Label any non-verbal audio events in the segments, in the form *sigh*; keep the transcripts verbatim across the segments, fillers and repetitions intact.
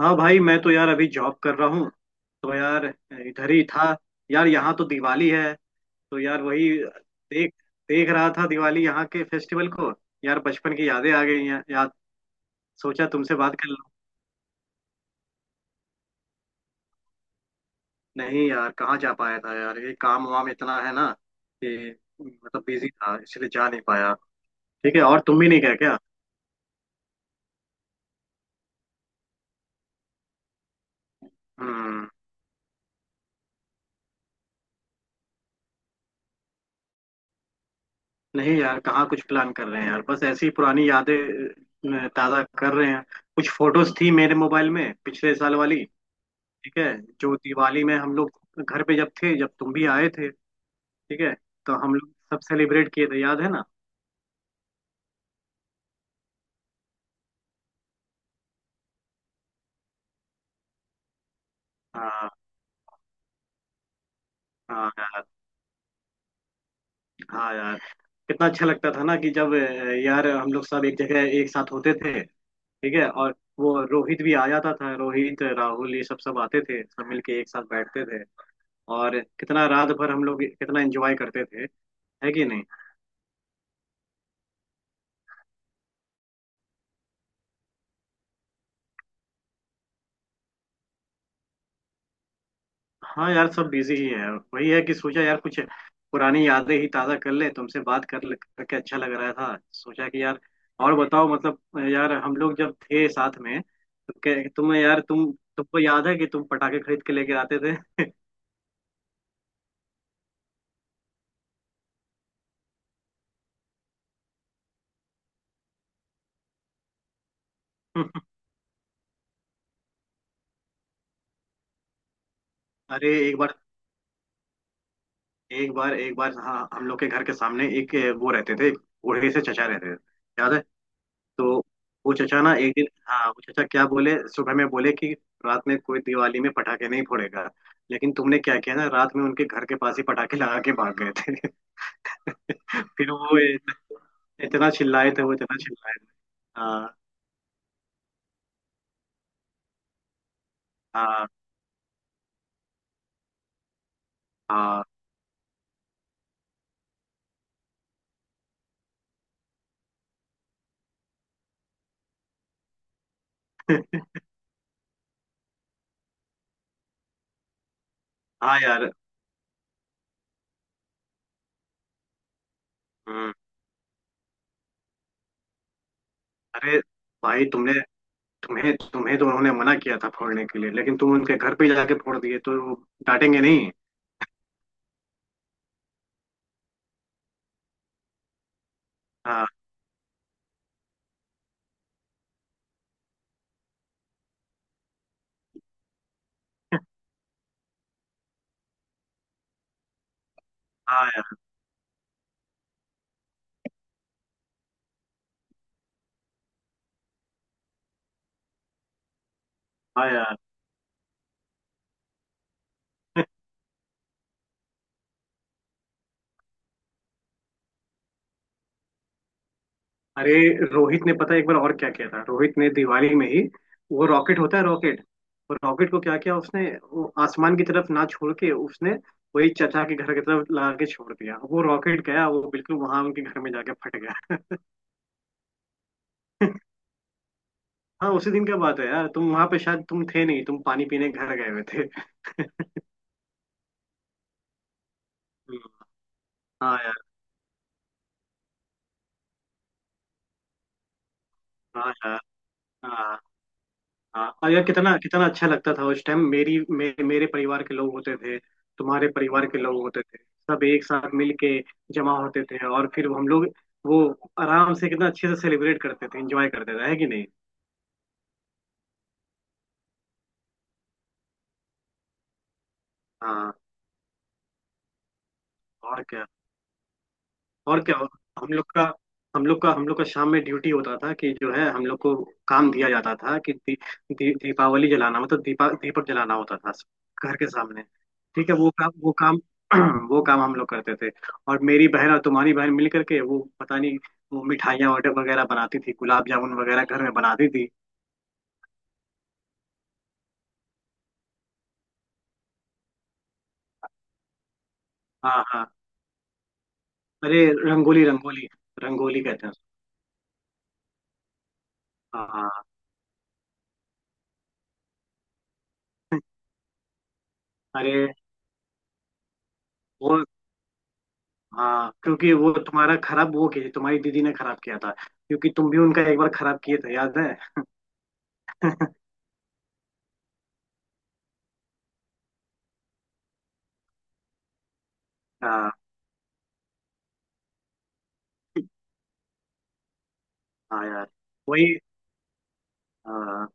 हाँ भाई, मैं तो यार अभी जॉब कर रहा हूँ। तो यार, इधर ही था। यार, यहाँ तो दिवाली है। तो यार, वही देख देख रहा था, दिवाली यहाँ के फेस्टिवल को। यार, बचपन की यादें आ गई हैं याद। सोचा तुमसे बात कर लूँ। नहीं यार, कहाँ जा पाया था यार, ये काम वाम इतना है ना कि मतलब बिजी था, इसलिए जा नहीं पाया। ठीक है, और तुम भी नहीं गए क्या? हम्म। नहीं यार, कहाँ कुछ प्लान कर रहे हैं यार, बस ऐसी पुरानी यादें अ, ताज़ा कर रहे हैं। कुछ फोटोज थी मेरे मोबाइल में, पिछले साल वाली। ठीक है, जो दिवाली में हम लोग घर पे जब थे, जब तुम भी आए थे। ठीक है। तो हम लोग सब सेलिब्रेट किए थे, याद है ना? हाँ। हाँ यार। हाँ यार, कितना अच्छा लगता था ना कि जब अ, यार हम लोग सब एक जगह एक साथ होते थे। ठीक है, और वो रोहित भी आ जाता था, रोहित राहुल ये सब सब आते थे, सब मिलके एक साथ बैठते थे। और कितना रात भर हम लोग कितना एंजॉय करते थे, है कि नहीं? हाँ यार, सब बिजी ही है। वही है कि सोचा यार कुछ पुरानी यादें ही ताज़ा कर ले, तुमसे बात कर ले करके अच्छा लग रहा था। सोचा कि यार और बताओ, मतलब यार, हम लोग जब थे साथ में तो क्या- तुम्हें यार, तुम तुमको याद है कि तुम पटाखे खरीद के लेके आते थे? *laughs* अरे, एक बार, एक बार एक बार हाँ, हम लोग के घर के सामने एक वो रहते थे, बूढ़े से चचा रहते थे, याद है? तो वो चचा ना एक दिन, हाँ, वो चचा क्या बोले सुबह में, बोले कि रात में कोई दिवाली में पटाखे नहीं फोड़ेगा। लेकिन तुमने क्या किया ना, रात में उनके घर के पास ही पटाखे लगा के भाग गए थे। *laughs* फिर वो इत- इतना चिल्लाए थे, वो इतना चिल्लाए थे। हाँ हाँ हाँ। *laughs* हाँ यार। हम्म। अरे भाई, तुमने, तुम्हें तुम्हें तो उन्होंने मना किया था फोड़ने के लिए, लेकिन तुम उनके घर पे जाके फोड़ दिए तो वो डांटेंगे नहीं? हाँ। हाँ यार। हाँ यार। अरे रोहित ने पता है एक बार और क्या किया था, रोहित ने दिवाली में ही, वो रॉकेट होता है रॉकेट, वो रॉकेट को क्या किया उसने, वो आसमान की तरफ ना छोड़ के उसने वही चचा के घर की तरफ लगा के छोड़ दिया। वो रॉकेट गया, वो बिल्कुल वहां उनके घर में जाके फट गया। *laughs* हाँ, उसी दिन का बात है यार। तुम वहां पे शायद तुम थे नहीं, तुम पानी पीने घर गए हुए थे। *laughs* हाँ यार। हाँ यार। हाँ। हाँ, और यार कितना कितना अच्छा लगता था। उस टाइम मेरी, मे, मेरे परिवार के लोग होते थे, तुम्हारे परिवार के लोग होते थे, सब एक साथ मिल के जमा होते थे, और फिर हम लोग वो आराम से कितना अच्छे से सेलिब्रेट करते थे, एंजॉय करते थे, है कि नहीं? हाँ, और क्या? और क्या? और हम लोग का हम लोग का हम लोग का शाम में ड्यूटी होता था कि जो है, हम लोग को काम दिया जाता था कि दी, दी, दीपावली जलाना, मतलब दीपा दीपक जलाना होता था घर के सामने। ठीक है, वो काम वो काम *clears throat* वो काम हम लोग करते थे। और मेरी बहन और तुम्हारी बहन मिल करके, वो पता नहीं, वो मिठाइयाँ ऑर्डर वगैरह बनाती थी, गुलाब जामुन वगैरह घर में बनाती थी। हाँ हाँ। अरे, रंगोली रंगोली। रंगोली कहते हैं उसको। हाँ हाँ। अरे वो, हाँ, क्योंकि वो तुम्हारा खराब वो किया, तुम्हारी दीदी ने खराब किया था, क्योंकि तुम भी उनका एक बार खराब किए थे, याद है? हाँ। हाँ यार, वही। हाँ,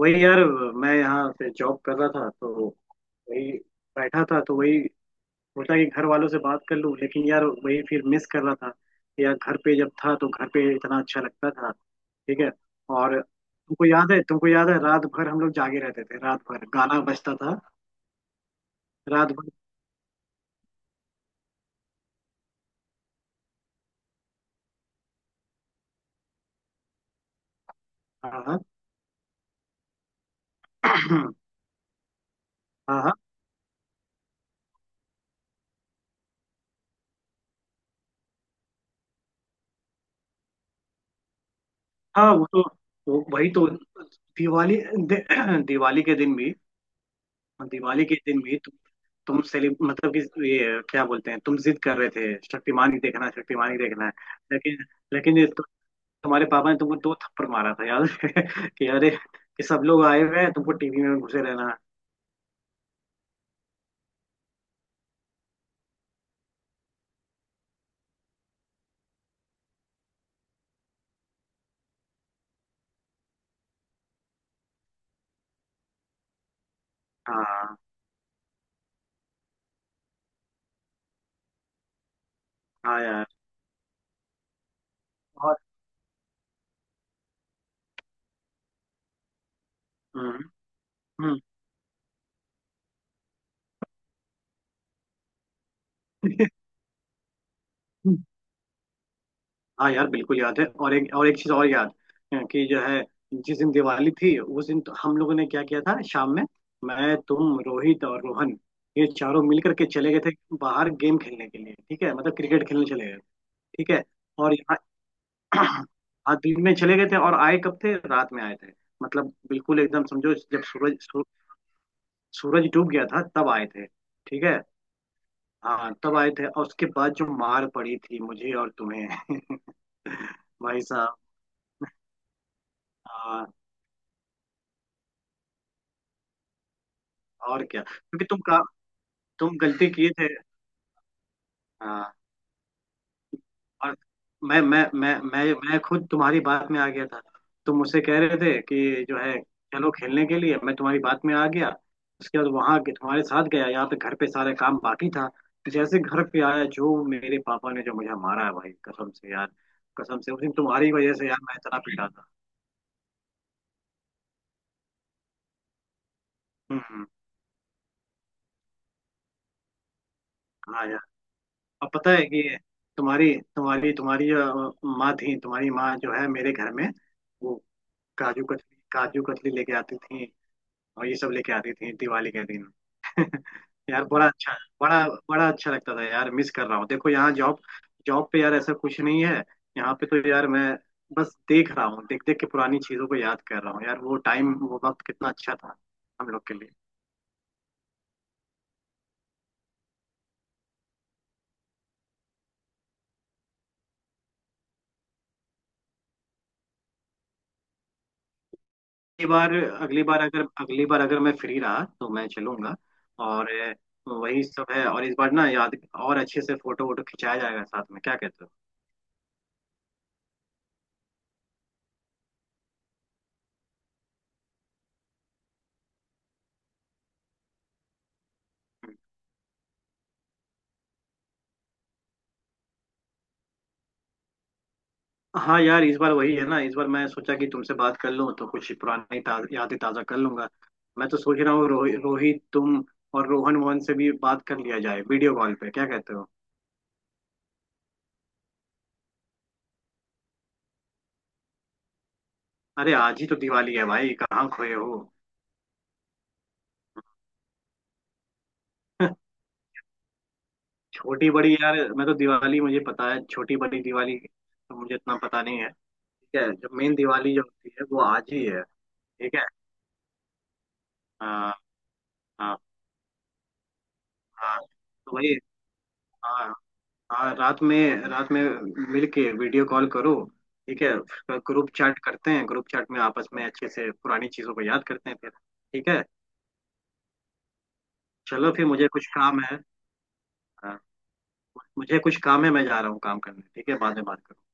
वही यार। मैं यहाँ पे जॉब कर रहा था, तो वही बैठा था, तो वही सोचा कि घर वालों से बात कर लूँ, लेकिन यार वही फिर मिस कर रहा था कि यार घर पे जब था तो घर पे इतना अच्छा लगता था। ठीक है, और तुमको याद है तुमको याद है रात भर हम लोग जागे रहते थे, रात भर गाना बजता था, रात भर। हाँ हाँ। *clears throat* हाँ। हाँ वो तो, तो वही तो, दिवाली, दे, *clears throat* दिवाली के दिन भी, दिवाली के दिन भी तु, तुम सेलि मतलब कि ये क्या बोलते हैं, तुम जिद कर रहे थे शक्तिमान ही देखना है, शक्तिमान ही देखना है। लेकिन लेकिन ये तो, तुम्हारे पापा ने तुमको दो थप्पड़ मारा था, याद है? *laughs* कि अरे, कि सब लोग आए हुए हैं, तुमको टीवी में घुसे रहना है। हाँ हाँ यार। और हम्म हम्म। *laughs* हाँ यार, बिल्कुल याद है। और एक और एक चीज और याद है कि जो है, जिस दिन दिवाली थी उस दिन तो हम लोगों ने क्या किया था शाम में, मैं, तुम, रोहित और रोहन, ये चारों मिल करके चले गए थे बाहर गेम खेलने के लिए। ठीक है, मतलब क्रिकेट खेलने चले गए। ठीक है, और यहाँ *clears throat* आज दिन में चले गए थे, और आए कब थे, रात में आए थे। मतलब बिल्कुल एकदम समझो जब सूरज सू, सूरज डूब गया था तब आए थे। ठीक है, हाँ तब आए थे। और उसके बाद जो मार पड़ी थी मुझे और तुम्हें। *laughs* भाई साहब। हाँ, और क्या, क्योंकि तुम का तुम गलती किए थे। हाँ, और मैं मैं मैं मैं मैं खुद तुम्हारी बात में आ गया था। तुम मुझसे कह रहे थे कि जो है चलो खेलने के लिए, मैं तुम्हारी बात में आ गया, उसके बाद वहां के तुम्हारे साथ गया, यहाँ पे घर पे सारा काम बाकी था। जैसे घर पे आया, जो मेरे पापा ने जो मुझे मारा है भाई, कसम से यार, कसम से उस दिन तुम्हारी वजह से यार मैं इतना पीटा था। हम्म। हाँ यार, अब पता है कि तुम्हारी तुम्हारी तुम्हारी अ, माँ थी, तुम्हारी माँ जो है, मेरे घर में वो काजू कतली, काजू कतली लेके आती थी, और ये सब लेके आती थी दिवाली के दिन। *laughs* यार बड़ा अच्छा, बड़ा बड़ा अच्छा लगता था यार, मिस कर रहा हूँ। देखो यहाँ जॉब जॉब पे यार ऐसा कुछ नहीं है। यहाँ पे तो यार मैं बस देख रहा हूँ, देख देख के पुरानी चीजों को याद कर रहा हूँ यार, वो टाइम वो वक्त कितना अच्छा था हम लोग के लिए। अगली बार, अगली बार अगर अगली बार अगर मैं फ्री रहा तो मैं चलूंगा। और अ, वही सब है। और इस बार ना याद, और अच्छे से फोटो वोटो खिंचाया जाएगा साथ में, क्या कहते हो? हाँ यार, इस बार वही है ना, इस बार मैं सोचा कि तुमसे बात कर लूँ तो कुछ पुरानी ता, यादें ताज़ा कर लूंगा। मैं तो सोच रहा हूँ रोहि, रोहित, तुम और रोहन मोहन से भी बात कर लिया जाए, वीडियो कॉल पे, क्या कहते हो? अरे आज ही तो दिवाली है भाई, कहाँ खोए हो? *laughs* छोटी बड़ी यार, मैं तो दिवाली मुझे पता है, छोटी बड़ी दिवाली तो मुझे इतना पता नहीं है। ठीक है, जो मेन दिवाली जो होती है वो आज ही है। ठीक है। हाँ हाँ हाँ, तो वही। हाँ। हाँ, रात में, रात में मिलके वीडियो कॉल करो। ठीक है, उसका ग्रुप चैट करते हैं, ग्रुप चैट में आपस में अच्छे से पुरानी चीजों को याद करते हैं फिर। ठीक है, चलो फिर मुझे कुछ काम है। हाँ, मुझे कुछ काम है, मैं जा रहा हूँ काम करने। ठीक है, बाद में बात करते हैं।